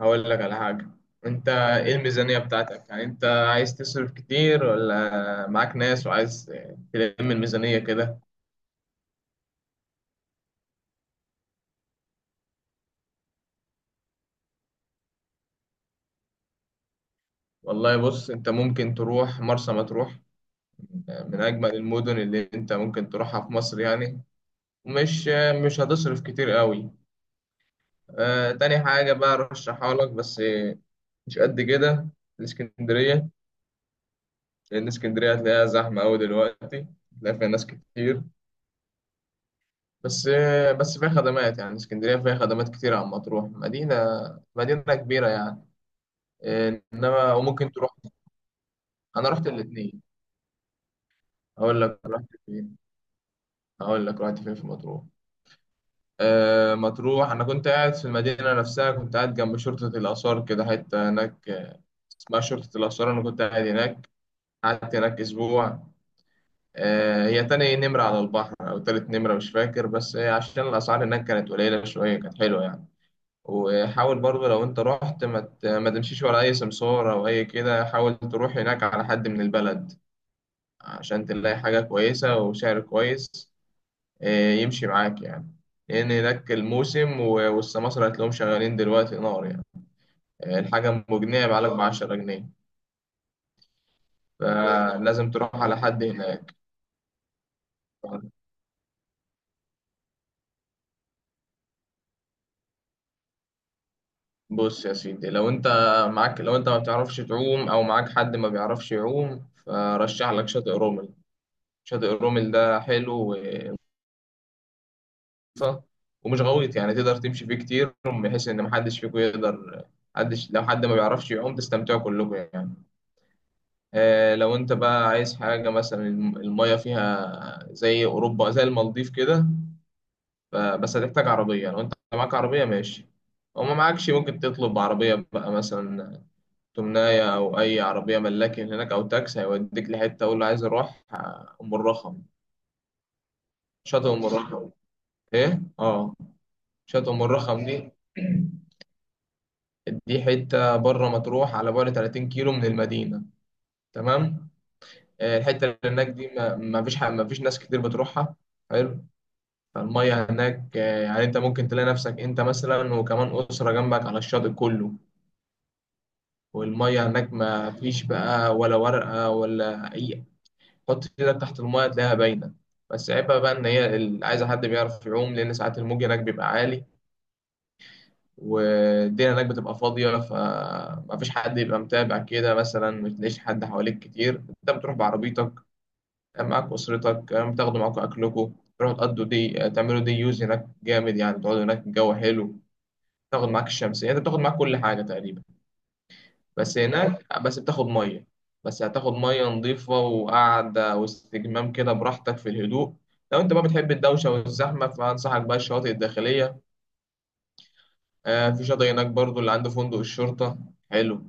هقول لك على حاجة. انت ايه الميزانية بتاعتك؟ يعني انت عايز تصرف كتير ولا معاك ناس وعايز تلم الميزانية كده؟ والله بص، انت ممكن تروح مرسى مطروح، من اجمل المدن اللي انت ممكن تروحها في مصر يعني. ومش مش هتصرف كتير قوي. آه، تاني حاجة بقى ارشحها لك بس مش قد كده، الاسكندرية. لان اسكندرية هتلاقيها زحمة قوي دلوقتي، هتلاقي فيها ناس كتير. بس بس فيها خدمات، يعني اسكندرية فيها خدمات كتير عن مطروح. مدينة كبيرة يعني. إنما وممكن تروح. أنا رحت الاتنين. هقول لك رحت فين هقول لك رحت فين في مطروح. مطروح، أنا كنت قاعد في المدينة نفسها، كنت قاعد جنب شرطة الآثار، كده حتة هناك اسمها شرطة الآثار. أنا كنت قاعد هناك، قعدت هناك أسبوع. هي تاني نمرة على البحر أو تالت نمرة، مش فاكر، بس عشان الأسعار هناك كانت قليلة شوية، كانت حلوة يعني. وحاول برضو لو انت رحت ما تمشيش ورا اي سمسار او اي كده، حاول تروح هناك على حد من البلد عشان تلاقي حاجة كويسة وسعر كويس. يمشي معاك يعني. لان هناك الموسم و- والسماسرة هتلاقيهم شغالين دلوقتي نار يعني. الحاجة مجنيه بعلك ب10 جنيه. فلازم تروح على حد هناك. بص يا سيدي، لو انت ما بتعرفش تعوم او معاك حد ما بيعرفش يعوم، فرشح لك شاطئ رومل. شاطئ رومل ده حلو، خفيفة ومش غويط، يعني تقدر تمشي فيه كتير، بحيث ان محدش فيكم يقدر حدش لو حد ما بيعرفش يعوم تستمتعوا كلكم يعني. لو انت بقى عايز حاجة مثلا المية فيها زي اوروبا زي المالديف كده. بس هتحتاج عربية. لو انت معاك عربية ماشي. لو ما معكش ممكن تطلب عربية بقى، مثلا تمناية أو أي عربية ملاكي هناك، أو تاكسي هيوديك لحتة، أقول له عايز أروح أم الرخم. شاطئ أم الرخم. إيه؟ آه. شاطئ أم الرخم دي دي حتة بره مطروح، على بعد 30 كيلو من المدينة. تمام. الحتة اللي هناك دي ما فيش ناس كتير بتروحها. حلو. فالمية هناك يعني انت ممكن تلاقي نفسك، انت مثلا وكمان أسرة جنبك على الشاطئ كله. والمية هناك ما فيش بقى ولا ورقة ولا أي. حط ايدك تحت المية تلاقيها باينة. بس عيبها بقى إن هي عايزة حد بيعرف يعوم، لأن ساعات الموج هناك بيبقى عالي. والدنيا هناك بتبقى فاضية، فمفيش حد يبقى متابع كده، مثلا ما تلاقيش حد حواليك كتير. انت بتروح بعربيتك، معاك أسرتك، بتاخدوا معاكم أكلكم، تروحوا تقضوا دي تعملوا دي، يوز هناك جامد يعني. تقعدوا هناك، الجو حلو، تاخد معاك الشمسية. انت بتاخد معاك كل حاجة تقريبا. بس هناك بس بتاخد مية بس هتاخد مية نظيفة، وقعدة واستجمام كده براحتك في الهدوء. لو انت بقى بتحب الدوشة والزحمة، فأنصحك بقى الشواطئ الداخلية. في شاطئ هناك برضو اللي عنده فندق الشرطة. حلو.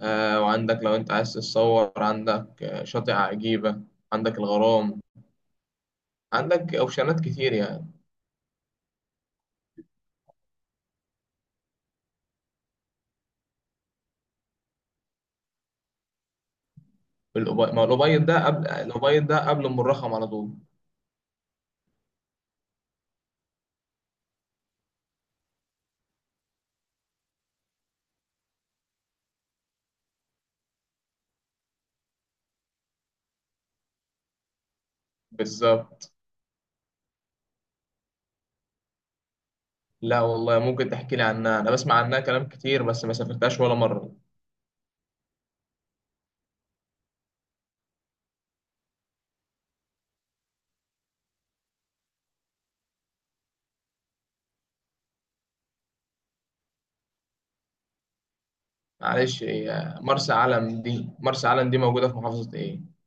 وعندك لو انت عايز تتصور، عندك شاطئ عجيبة، عندك الغرام، عندك اوبشنات كتير يعني. ما الأبيض ده قبل أم الرخم على طول. بالظبط. لا والله. ممكن تحكي لي عنها؟ انا بسمع عنها كلام كتير بس ما سافرتهاش ولا مرة. معلش، هي مرسى علم دي موجودة في محافظة ايه؟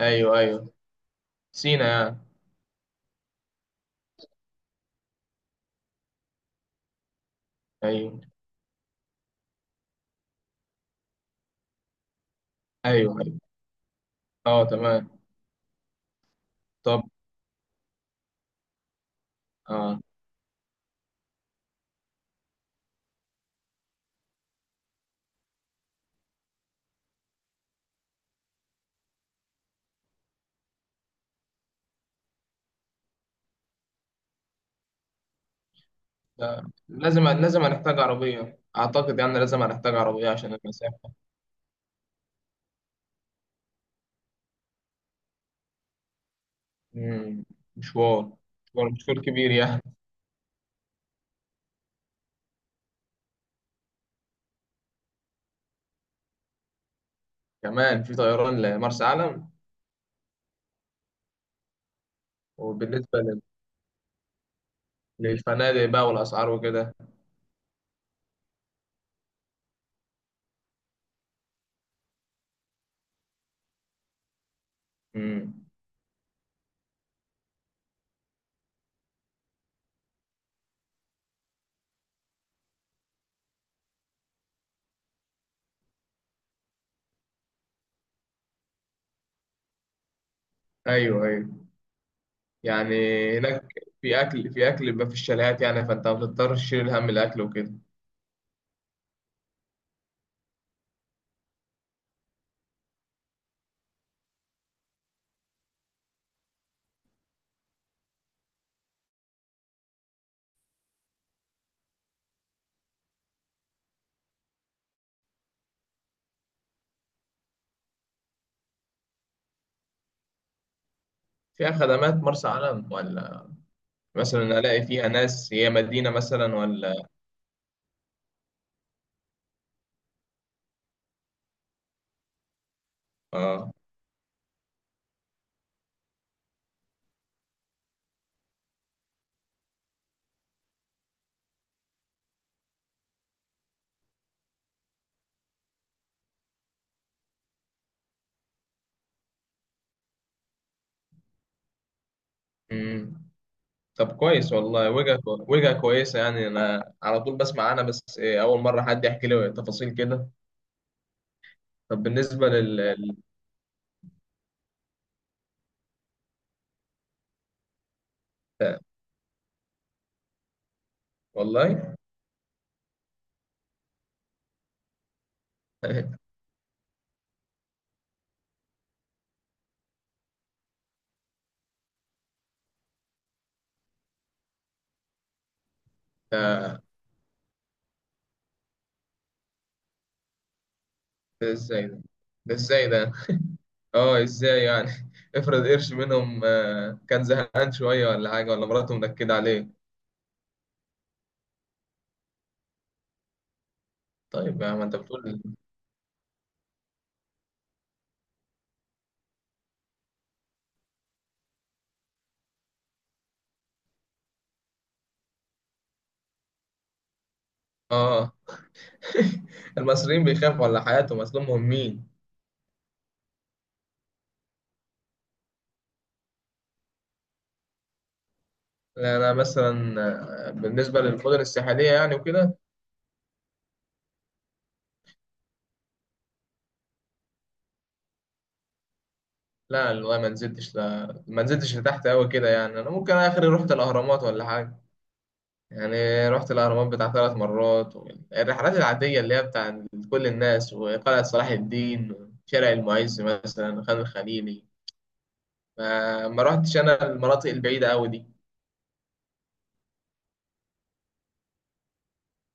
ايوه، ايوه. سينا يعني؟ ايوه، ايوه. ايوه اه، تمام. طب. اه، لا، لازم هنحتاج عربية اعتقد، يعني لازم هنحتاج عربية عشان المسافة. مم. مشوار مشوار كبير يعني. كمان في طيران لمرسى علم؟ وبالنسبة للفنادق بقى والأسعار وكده. مم. أيوه، أيوه. يعني هناك في أكل بيبقى في الشاليهات، يعني فأنت ما بتضطرش تشيل هم الأكل وكده. فيها خدمات مرسى علم، ولا مثلا ألاقي فيها ناس، هي مدينة مثلا ولا؟ آه. مم. طب كويس والله، وجهة كويسة يعني. أنا على طول بسمع عنها بس أول مرة حد يحكي لي تفاصيل كده. طب. والله. ده ده ازاي ده، ده ازاي ده اه ازاي يعني؟ افرض قرش منهم كان زهقان شوية ولا حاجة، ولا مراته منكدة عليه. طيب يا ما انت بتقول. اه. المصريين بيخافوا على حياتهم، اصل هم مهمين. لا، انا مثلا بالنسبة للمدن الساحلية يعني وكده. لا والله ما نزلتش لتحت قوي كده يعني. انا ممكن اخر رحت الاهرامات ولا حاجة. يعني رحت الأهرامات بتاع 3 مرات، والرحلات العادية اللي هي بتاع كل الناس، وقلعة صلاح الدين، وشارع المعز مثلا، خان الخليلي. ما رحتش أنا المناطق البعيدة أوي دي.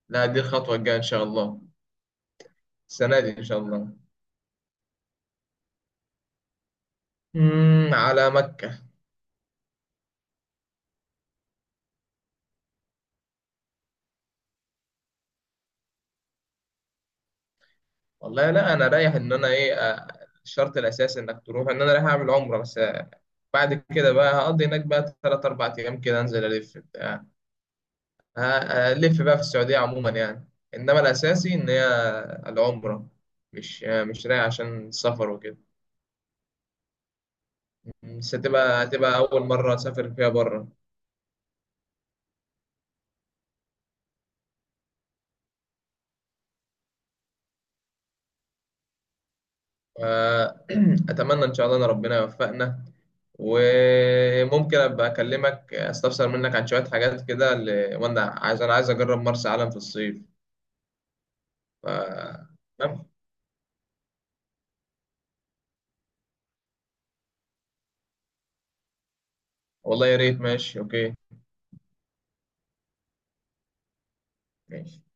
لا، دي الخطوة الجاية إن شاء الله. السنة دي إن شاء الله. على مكة. والله لا، أنا رايح إن أنا إيه آه، الشرط الأساسي إنك تروح إن أنا رايح أعمل عمرة بس. بعد كده بقى هقضي هناك بقى تلات أربع أيام كده، أنزل ألف هلف بقى في السعودية عموما يعني. إنما الأساسي إن هي العمرة. مش رايح عشان السفر وكده. بس هتبقى أول مرة أسافر فيها بره. أتمنى إن شاء الله إن ربنا يوفقنا. وممكن أبقى أكلمك أستفسر منك عن شوية حاجات كده، وأنا عايز أجرب مرسى علم في الصيف. ف... تمام؟ والله يا ريت. ماشي أوكي. ماشي.